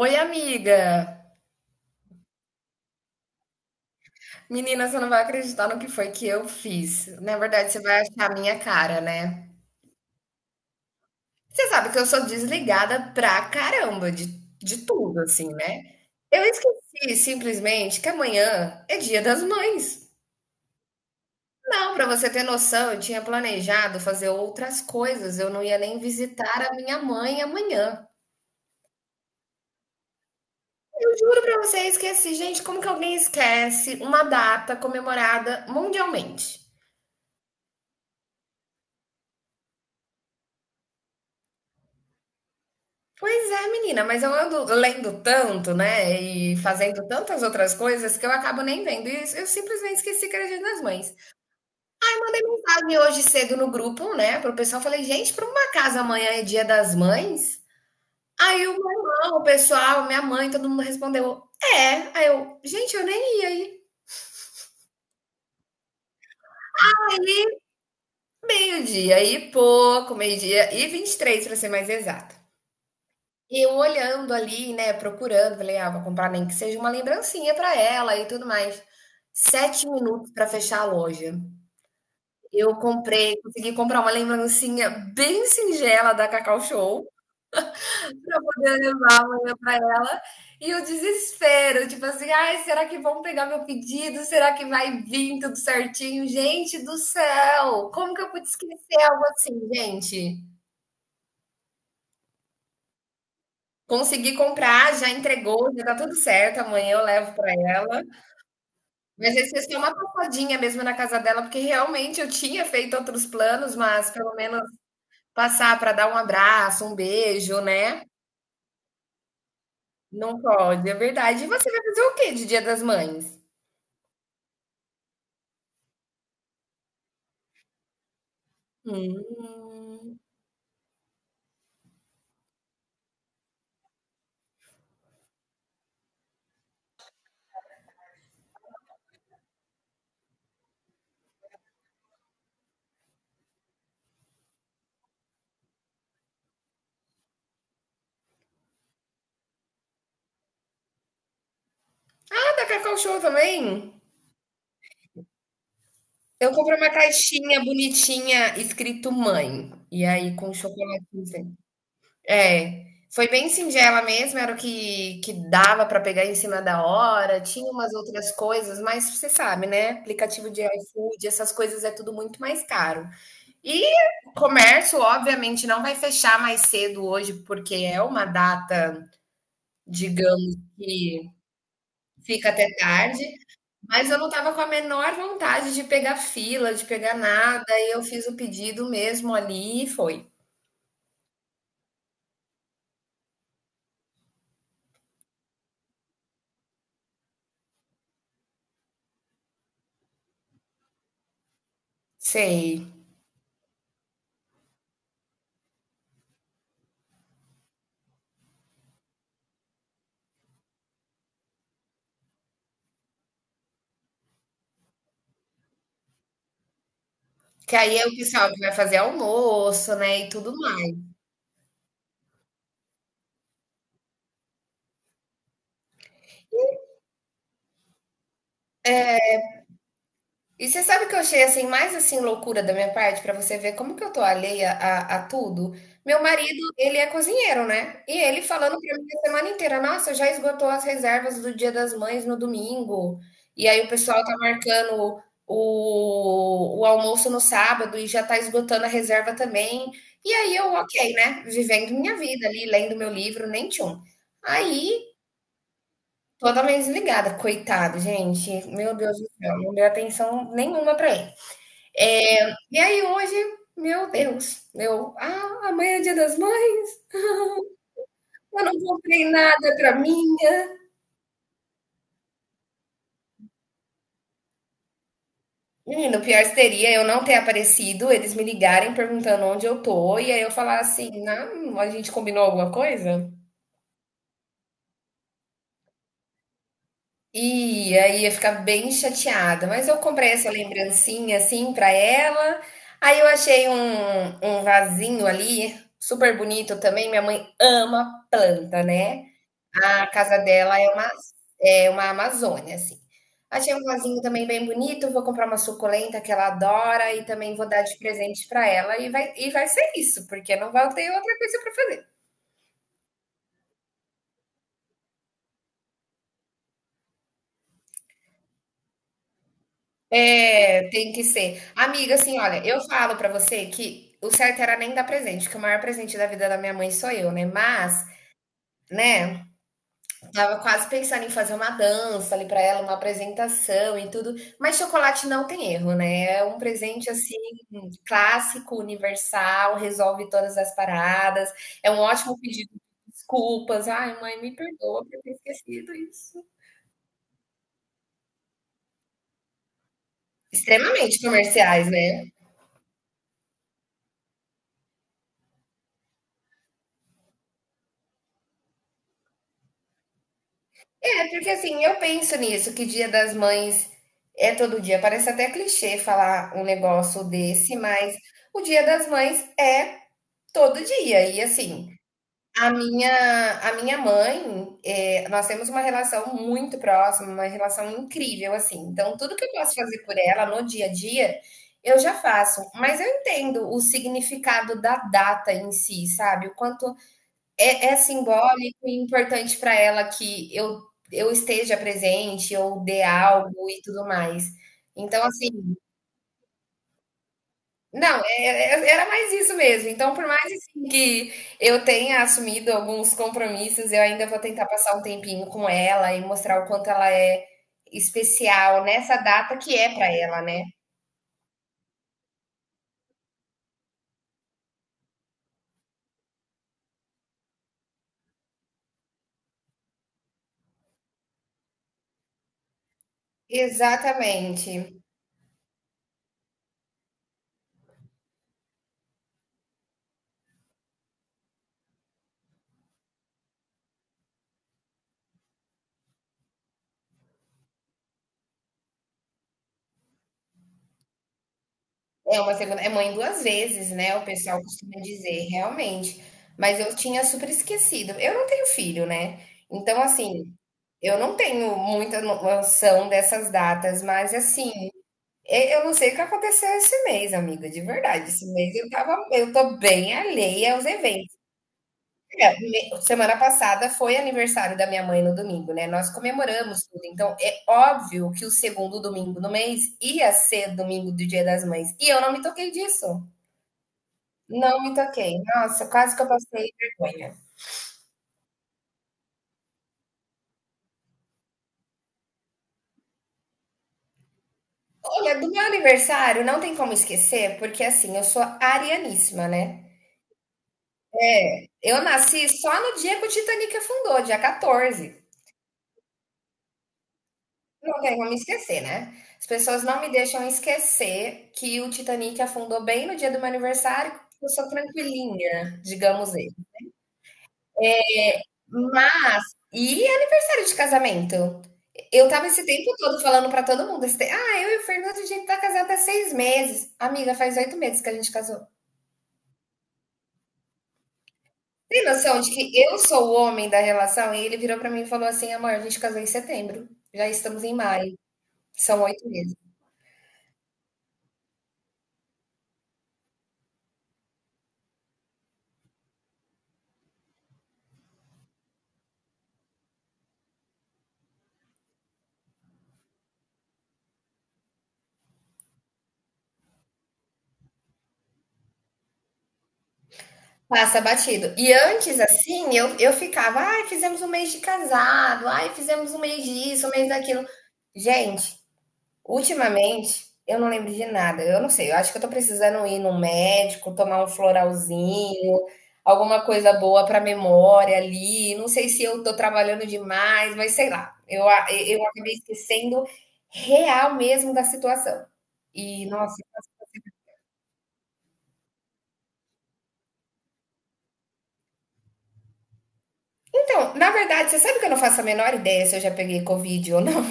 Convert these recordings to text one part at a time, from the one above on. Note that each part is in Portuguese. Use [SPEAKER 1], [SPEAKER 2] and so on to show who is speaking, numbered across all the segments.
[SPEAKER 1] Oi, amiga! Menina, você não vai acreditar no que foi que eu fiz. Na verdade, você vai achar a minha cara, né? Você sabe que eu sou desligada pra caramba de tudo, assim, né? Eu esqueci simplesmente que amanhã é Dia das Mães. Não, pra você ter noção, eu tinha planejado fazer outras coisas, eu não ia nem visitar a minha mãe amanhã. Eu juro pra você, eu esqueci. Gente, como que alguém esquece uma data comemorada mundialmente? Pois é, menina, mas eu ando lendo tanto, né? E fazendo tantas outras coisas que eu acabo nem vendo. E eu simplesmente esqueci que era Dia das Mães. Aí mandei mensagem hoje cedo no grupo, né? Pro pessoal, falei, gente, por uma casa amanhã é Dia das Mães? Aí o meu irmão, o pessoal, minha mãe, todo mundo respondeu, é. Aí eu, gente, eu nem ia aí. Meio-dia e pouco, meio-dia e 23 para ser mais exata. E eu olhando ali, né, procurando, falei: "Ah, vou comprar nem que seja uma lembrancinha para ela e tudo mais". 7 minutos para fechar a loja. Eu comprei consegui comprar uma lembrancinha bem singela da Cacau Show, para poder levar amanhã para ela, e o desespero, tipo assim: "Ai, será que vão pegar meu pedido? Será que vai vir tudo certinho?". Gente do céu, como que eu pude esquecer algo assim, gente? Consegui comprar, já entregou, já tá tudo certo, amanhã eu levo para ela. Mas esse é só uma passadinha mesmo na casa dela, porque realmente eu tinha feito outros planos, mas pelo menos passar para dar um abraço, um beijo, né? Não pode, é verdade. E você vai fazer o quê de Dia das Mães? Hum. Ah, da Cacau Show também? Eu comprei uma caixinha bonitinha escrito mãe. E aí com chocolate. É, foi bem singela mesmo, era o que que dava para pegar em cima da hora, tinha umas outras coisas, mas você sabe, né, aplicativo de iFood, essas coisas é tudo muito mais caro. E o comércio, obviamente, não vai fechar mais cedo hoje, porque é uma data, digamos que fica até tarde, mas eu não estava com a menor vontade de pegar fila, de pegar nada, e eu fiz o pedido mesmo ali e foi. Sei. Que aí é o pessoal que vai fazer almoço, né, e tudo mais. E você sabe que eu achei assim mais assim loucura da minha parte pra você ver como que eu tô alheia a tudo? Meu marido, ele é cozinheiro, né? E ele falando pra mim a semana inteira, nossa, já esgotou as reservas do Dia das Mães no domingo. E aí o pessoal tá marcando o almoço no sábado e já tá esgotando a reserva também. E aí eu, ok, né? Vivendo minha vida ali, lendo meu livro, nem tchum. Aí, totalmente desligada, coitado, gente. Meu Deus do céu, não deu atenção nenhuma para ele. É, e aí hoje, meu Deus, eu, ah, amanhã é dia das mães, eu não comprei nada pra minha. Menino, o pior seria eu não ter aparecido, eles me ligarem perguntando onde eu tô, e aí eu falar assim, não, a gente combinou alguma coisa? Ia ficar bem chateada, mas eu comprei essa lembrancinha assim pra ela. Aí eu achei um vasinho ali, super bonito também. Minha mãe ama planta, né? A casa dela é uma Amazônia, assim. Achei um vasinho também bem bonito. Vou comprar uma suculenta que ela adora e também vou dar de presente pra ela. E vai ser isso, porque não vai ter outra coisa pra fazer. É, tem que ser. Amiga, assim, olha, eu falo pra você que o certo era nem dar presente, que o maior presente da vida da minha mãe sou eu, né? Mas, né, tava quase pensando em fazer uma dança ali pra ela, uma apresentação e tudo. Mas chocolate não tem erro, né? É um presente assim clássico, universal, resolve todas as paradas. É um ótimo pedido de desculpas. Ai, mãe, me perdoa por ter esquecido isso. Extremamente comerciais, né? É, porque assim, eu penso nisso, que Dia das Mães é todo dia. Parece até clichê falar um negócio desse, mas o Dia das Mães é todo dia. E assim, a minha mãe, é, nós temos uma relação muito próxima, uma relação incrível, assim. Então, tudo que eu posso fazer por ela no dia a dia, eu já faço. Mas eu entendo o significado da data em si, sabe? O quanto é simbólico e importante para ela que eu esteja presente, eu dê algo e tudo mais. Então, assim não, era mais isso mesmo. Então, por mais, assim, que eu tenha assumido alguns compromissos, eu ainda vou tentar passar um tempinho com ela e mostrar o quanto ela é especial nessa data que é para ela, né. Exatamente. É uma segunda é mãe duas vezes, né, o pessoal costuma dizer, realmente. Mas eu tinha super esquecido. Eu não tenho filho, né, então, assim, eu não tenho muita no noção dessas datas, mas, assim, e eu não sei o que aconteceu esse mês, amiga, de verdade. Esse mês eu tava, eu tô bem alheia aos eventos. É, me semana passada foi aniversário da minha mãe no domingo, né, nós comemoramos tudo, então é óbvio que o segundo domingo do mês ia ser domingo do Dia das Mães, e eu não me toquei disso. Não me toquei. Nossa, quase que eu passei vergonha. Olha, do meu aniversário não tem como esquecer, porque assim, eu sou arianíssima, né? Eu nasci só no dia que o Titanic afundou, dia 14. Não tem como esquecer, né? As pessoas não me deixam esquecer que o Titanic afundou bem no dia do meu aniversário, porque eu sou tranquilinha, digamos. Mas e aniversário de casamento? Eu tava esse tempo todo falando para todo mundo, ah, eu e o Fernando, a gente tá casado há 6 meses. Amiga, faz 8 meses que a gente casou. Tem noção de que eu sou o homem da relação? E ele virou para mim e falou assim, amor, a gente casou em setembro, já estamos em maio, são 8 meses. Passa batido. E antes, assim, eu ficava, ai, fizemos um mês de casado, ai, fizemos um mês disso, um mês daquilo. Gente, ultimamente, eu não lembro de nada. Eu não sei, eu acho que eu tô precisando ir num médico, tomar um floralzinho, alguma coisa boa pra memória ali. Não sei se eu tô trabalhando demais, mas sei lá. Eu acabei esquecendo real mesmo da situação. E, nossa. Então, na verdade, você sabe que eu não faço a menor ideia se eu já peguei Covid ou não?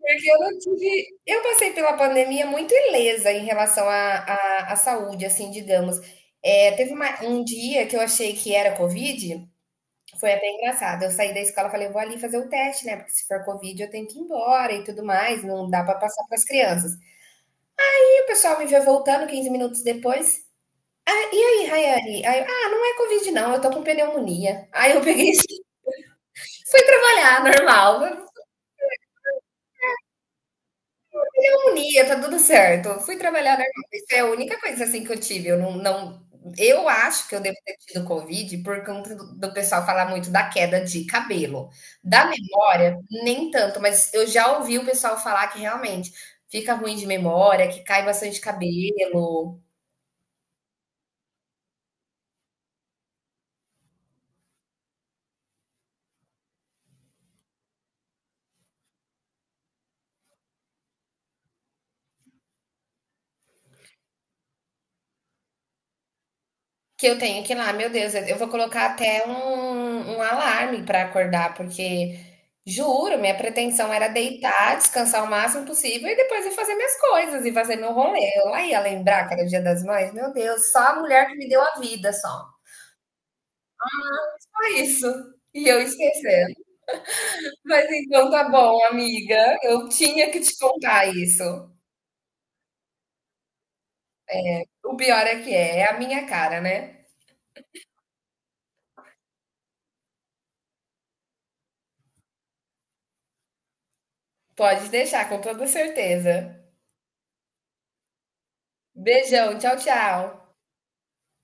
[SPEAKER 1] Porque eu não tive. Eu passei pela pandemia muito ilesa em relação à saúde, assim, digamos. É, teve um dia que eu achei que era Covid, foi até engraçado. Eu saí da escola e falei, vou ali fazer o teste, né? Porque se for Covid, eu tenho que ir embora e tudo mais, não dá pra passar pras crianças. E o pessoal me vê voltando 15 minutos depois. "Ah, e aí, Rayane?" Aí eu, ah, não é Covid, não, eu tô com pneumonia. Aí eu peguei, fui trabalhar, normal. Pneumonia, tá tudo certo. Eu fui trabalhar normal. Isso é a única coisa assim que eu tive. Eu não, não, eu acho que eu devo ter tido Covid por conta do pessoal falar muito da queda de cabelo. Da memória, nem tanto, mas eu já ouvi o pessoal falar que realmente fica ruim de memória, que cai bastante cabelo. Que eu tenho que ir lá. Meu Deus, eu vou colocar até um alarme para acordar, porque juro, minha pretensão era deitar, descansar o máximo possível e depois ir fazer minhas coisas e fazer meu rolê. Eu lá ia lembrar que era o Dia das Mães. Meu Deus, só a mulher que me deu a vida, só. Só isso. E eu esquecendo. Mas então tá bom, amiga. Eu tinha que te contar isso. O pior é que é, é a minha cara, né? Pode deixar, com toda certeza. Beijão, tchau, tchau.